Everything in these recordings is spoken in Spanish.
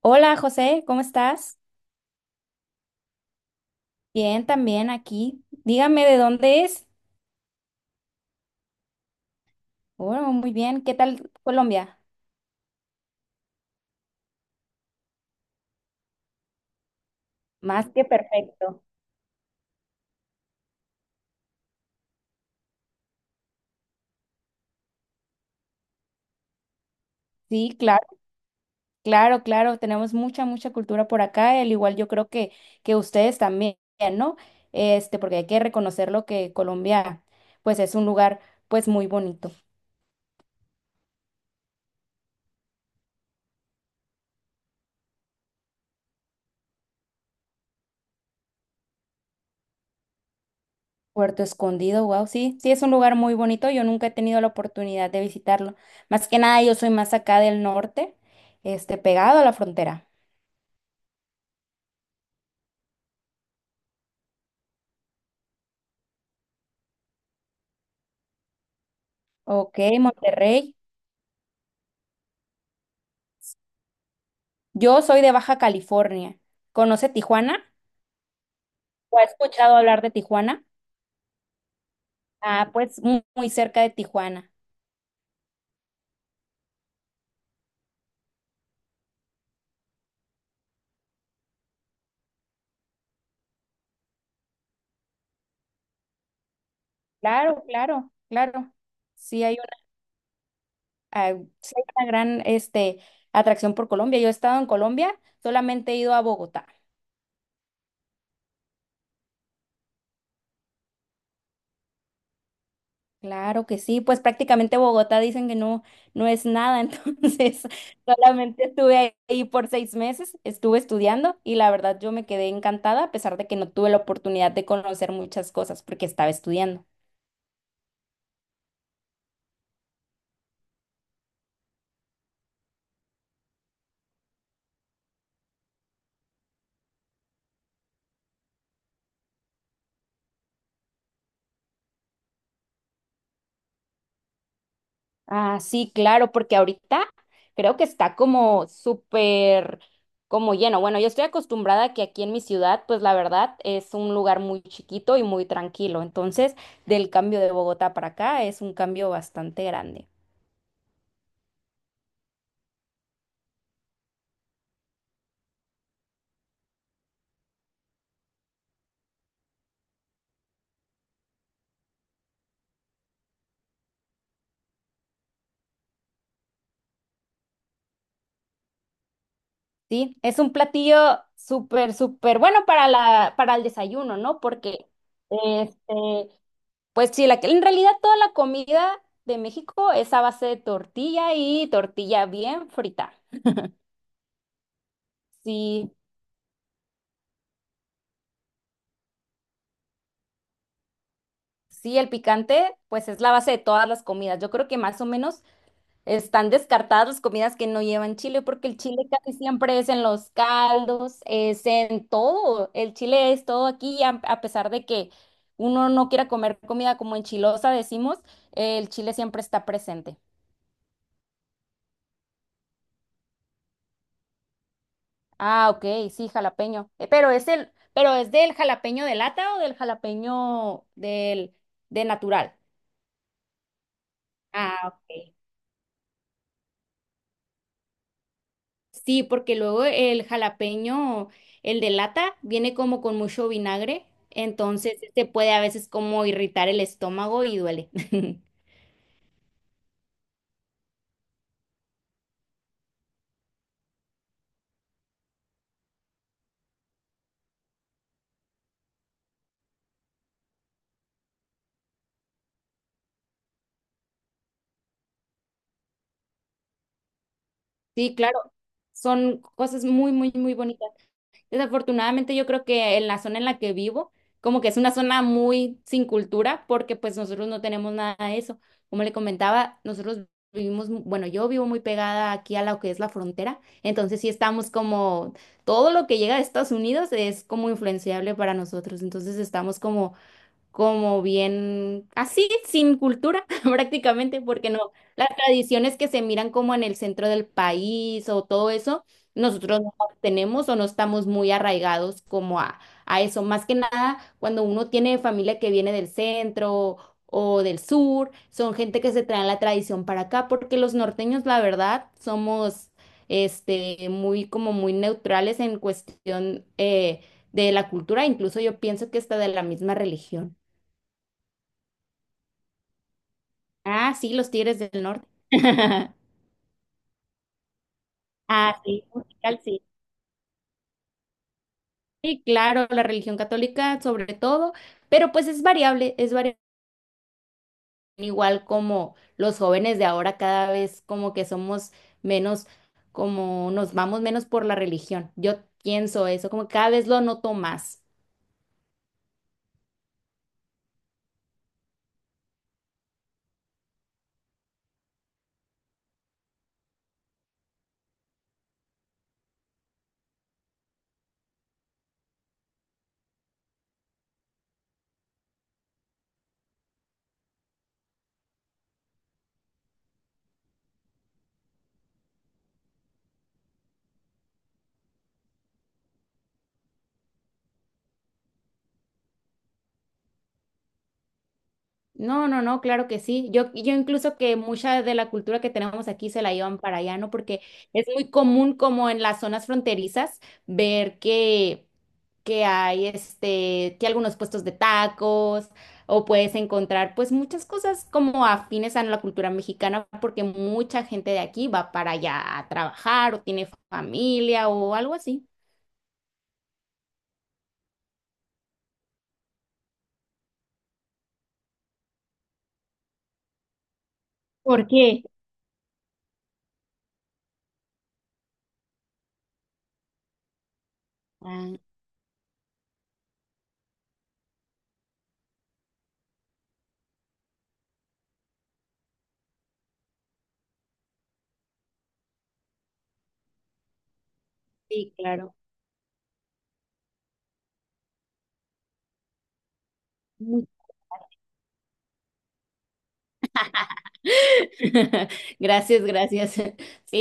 Hola José, ¿cómo estás? Bien, también aquí. Dígame de dónde es. Bueno, muy bien. ¿Qué tal Colombia? Más que Perú. Sí, claro, claro, claro. Tenemos mucha cultura por acá. Al igual yo creo que ustedes también, ¿no? Este, porque hay que reconocerlo que Colombia, pues es un lugar, pues muy bonito. Puerto Escondido, wow, sí, sí es un lugar muy bonito. Yo nunca he tenido la oportunidad de visitarlo. Más que nada, yo soy más acá del norte, este, pegado a la frontera. Ok, Monterrey. Yo soy de Baja California. ¿Conoce Tijuana? ¿O ha escuchado hablar de Tijuana? Ah, pues muy, cerca de Tijuana. Claro, claro, claro. Sí hay una, ah, sí hay una gran este, atracción por Colombia. Yo he estado en Colombia, solamente he ido a Bogotá. Claro que sí, pues prácticamente Bogotá dicen que no, no es nada, entonces solamente estuve ahí por seis meses, estuve estudiando y la verdad yo me quedé encantada a pesar de que no tuve la oportunidad de conocer muchas cosas porque estaba estudiando. Ah, sí, claro, porque ahorita creo que está como súper, como lleno. Bueno, yo estoy acostumbrada a que aquí en mi ciudad, pues la verdad es un lugar muy chiquito y muy tranquilo, entonces del cambio de Bogotá para acá es un cambio bastante grande. Sí, es un platillo súper bueno para la, para el desayuno, ¿no? Porque, este, pues sí, la, en realidad toda la comida de México es a base de tortilla y tortilla bien frita. Sí, sí, el picante, pues es la base de todas las comidas. Yo creo que más o menos están descartadas las comidas que no llevan chile, porque el chile casi siempre es en los caldos, es en todo. El chile es todo aquí, a pesar de que uno no quiera comer comida como enchilosa, decimos, el chile siempre está presente. Ah, ok, sí, jalapeño. Pero es el, pero es del jalapeño de lata o del jalapeño del, de natural. Ah, ok. Sí, porque luego el jalapeño, el de lata, viene como con mucho vinagre, entonces este puede a veces como irritar el estómago y duele. Sí, claro, son cosas muy bonitas. Desafortunadamente yo creo que en la zona en la que vivo, como que es una zona muy sin cultura porque pues nosotros no tenemos nada de eso. Como le comentaba, nosotros vivimos, bueno, yo vivo muy pegada aquí a lo que es la frontera, entonces sí estamos como, todo lo que llega de Estados Unidos es como influenciable para nosotros, entonces estamos como bien así, sin cultura prácticamente, porque no, las tradiciones que se miran como en el centro del país o todo eso, nosotros no las tenemos o no estamos muy arraigados como a eso. Más que nada, cuando uno tiene familia que viene del centro o del sur, son gente que se trae la tradición para acá, porque los norteños, la verdad, somos este, muy, como muy neutrales en cuestión de la cultura, incluso yo pienso que está de la misma religión. Ah, sí, los Tigres del Norte. Ah, sí, musical, sí. Sí, claro, la religión católica sobre todo, pero pues es variable, es variable. Igual como los jóvenes de ahora cada vez como que somos menos, como nos vamos menos por la religión. Yo pienso eso, como cada vez lo noto más. No, no, no, claro que sí. Yo incluso que mucha de la cultura que tenemos aquí se la llevan para allá, ¿no? Porque es muy común como en las zonas fronterizas ver que hay este, que algunos puestos de tacos o puedes encontrar pues muchas cosas como afines a la cultura mexicana porque mucha gente de aquí va para allá a trabajar o tiene familia o algo así. ¿Por qué? Ah, sí, claro. Gracias, gracias. Sí,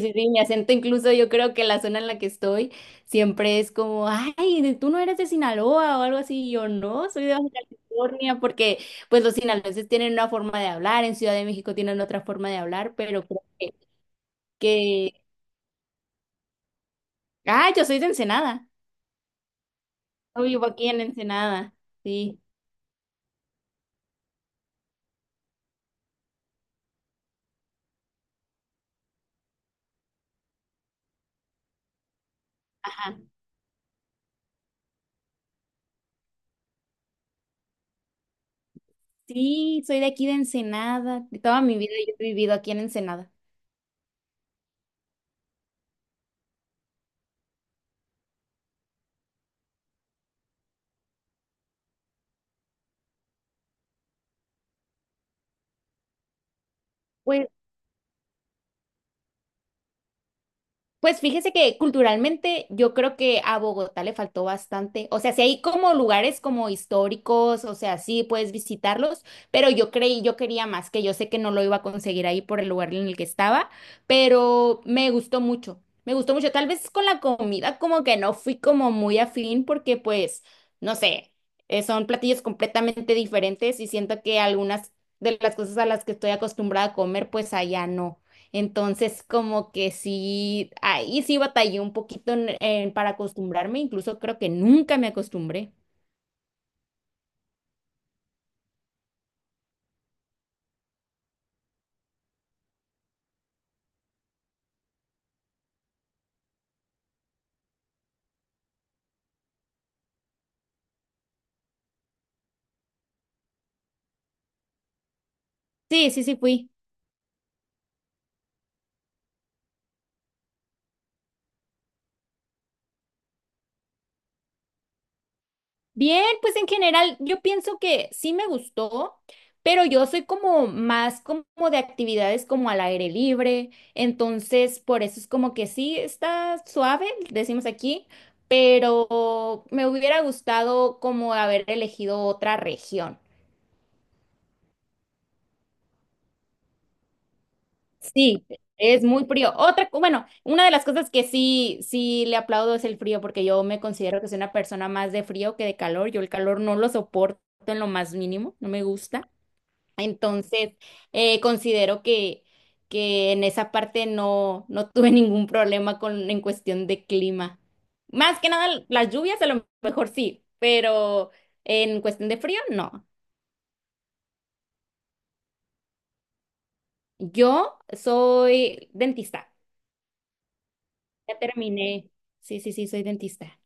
sí, sí, mi acento incluso yo creo que la zona en la que estoy siempre es como, ay, tú no eres de Sinaloa o algo así, y yo no, soy de Baja California, porque pues los sinaloenses tienen una forma de hablar, en Ciudad de México tienen otra forma de hablar, pero creo que... ah, yo soy de Ensenada, yo vivo aquí en Ensenada, sí. Ajá. Sí, soy de aquí de Ensenada, toda mi vida yo he vivido aquí en Ensenada. Pues, pues fíjese que culturalmente yo creo que a Bogotá le faltó bastante. O sea, si hay como lugares como históricos, o sea, sí puedes visitarlos, pero yo creí, yo quería más, que yo sé que no lo iba a conseguir ahí por el lugar en el que estaba, pero me gustó mucho, me gustó mucho. Tal vez con la comida como que no fui como muy afín porque pues, no sé, son platillos completamente diferentes y siento que algunas de las cosas a las que estoy acostumbrada a comer, pues allá no. Entonces, como que sí, ahí sí batallé un poquito para acostumbrarme, incluso creo que nunca me acostumbré. Sí, sí, sí fui. Bien, pues en general yo pienso que sí me gustó, pero yo soy como más como de actividades como al aire libre, entonces por eso es como que sí está suave, decimos aquí, pero me hubiera gustado como haber elegido otra región. Sí, es muy frío. Otra, bueno, una de las cosas que sí, sí le aplaudo es el frío, porque yo me considero que soy una persona más de frío que de calor. Yo el calor no lo soporto en lo más mínimo, no me gusta. Entonces, considero que en esa parte no, no tuve ningún problema con, en cuestión de clima. Más que nada, las lluvias a lo mejor sí, pero en cuestión de frío, no. Yo soy dentista. Ya terminé. Sí, sí, sí, soy dentista.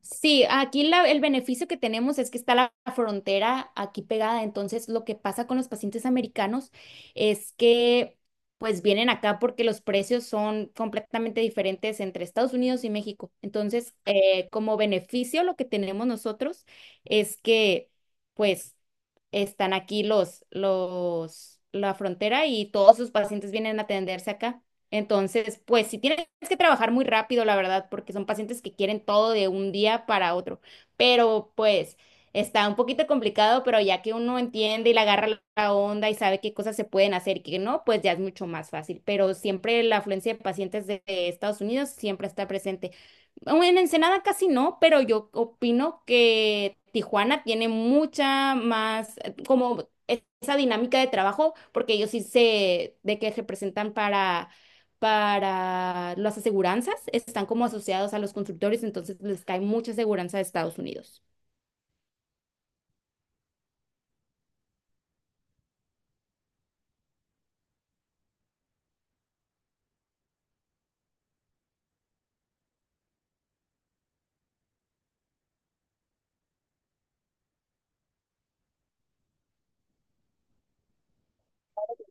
Sí, aquí el beneficio que tenemos es que está la frontera aquí pegada, entonces lo que pasa con los pacientes americanos es que pues vienen acá porque los precios son completamente diferentes entre Estados Unidos y México. Entonces, como beneficio lo que tenemos nosotros es que pues están aquí la frontera y todos sus pacientes vienen a atenderse acá. Entonces, pues si tienes que trabajar muy rápido, la verdad, porque son pacientes que quieren todo de un día para otro. Pero pues está un poquito complicado, pero ya que uno entiende y le agarra la onda y sabe qué cosas se pueden hacer y qué no, pues ya es mucho más fácil. Pero siempre la afluencia de pacientes de Estados Unidos siempre está presente. Aún en Ensenada casi no, pero yo opino que Tijuana tiene mucha más, como esa dinámica de trabajo, porque ellos sí se, de que se presentan para las aseguranzas, están como asociados a los constructores, entonces les cae mucha aseguranza de Estados Unidos.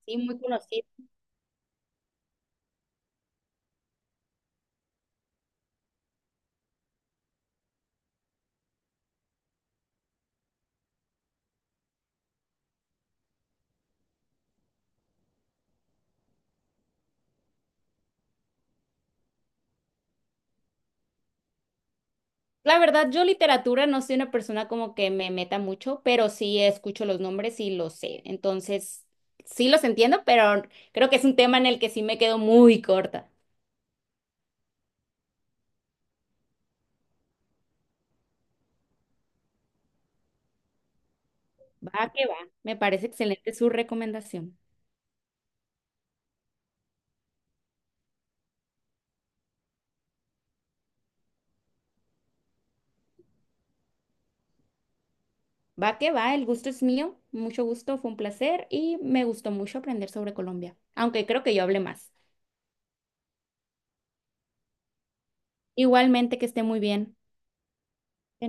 Sí, muy conocido. La verdad, yo literatura no soy una persona como que me meta mucho, pero sí escucho los nombres y los sé. Entonces, sí los entiendo, pero creo que es un tema en el que sí me quedo muy corta. Va que va. Me parece excelente su recomendación. Va que va, el gusto es mío. Mucho gusto, fue un placer y me gustó mucho aprender sobre Colombia, aunque creo que yo hablé más. Igualmente, que esté muy bien. De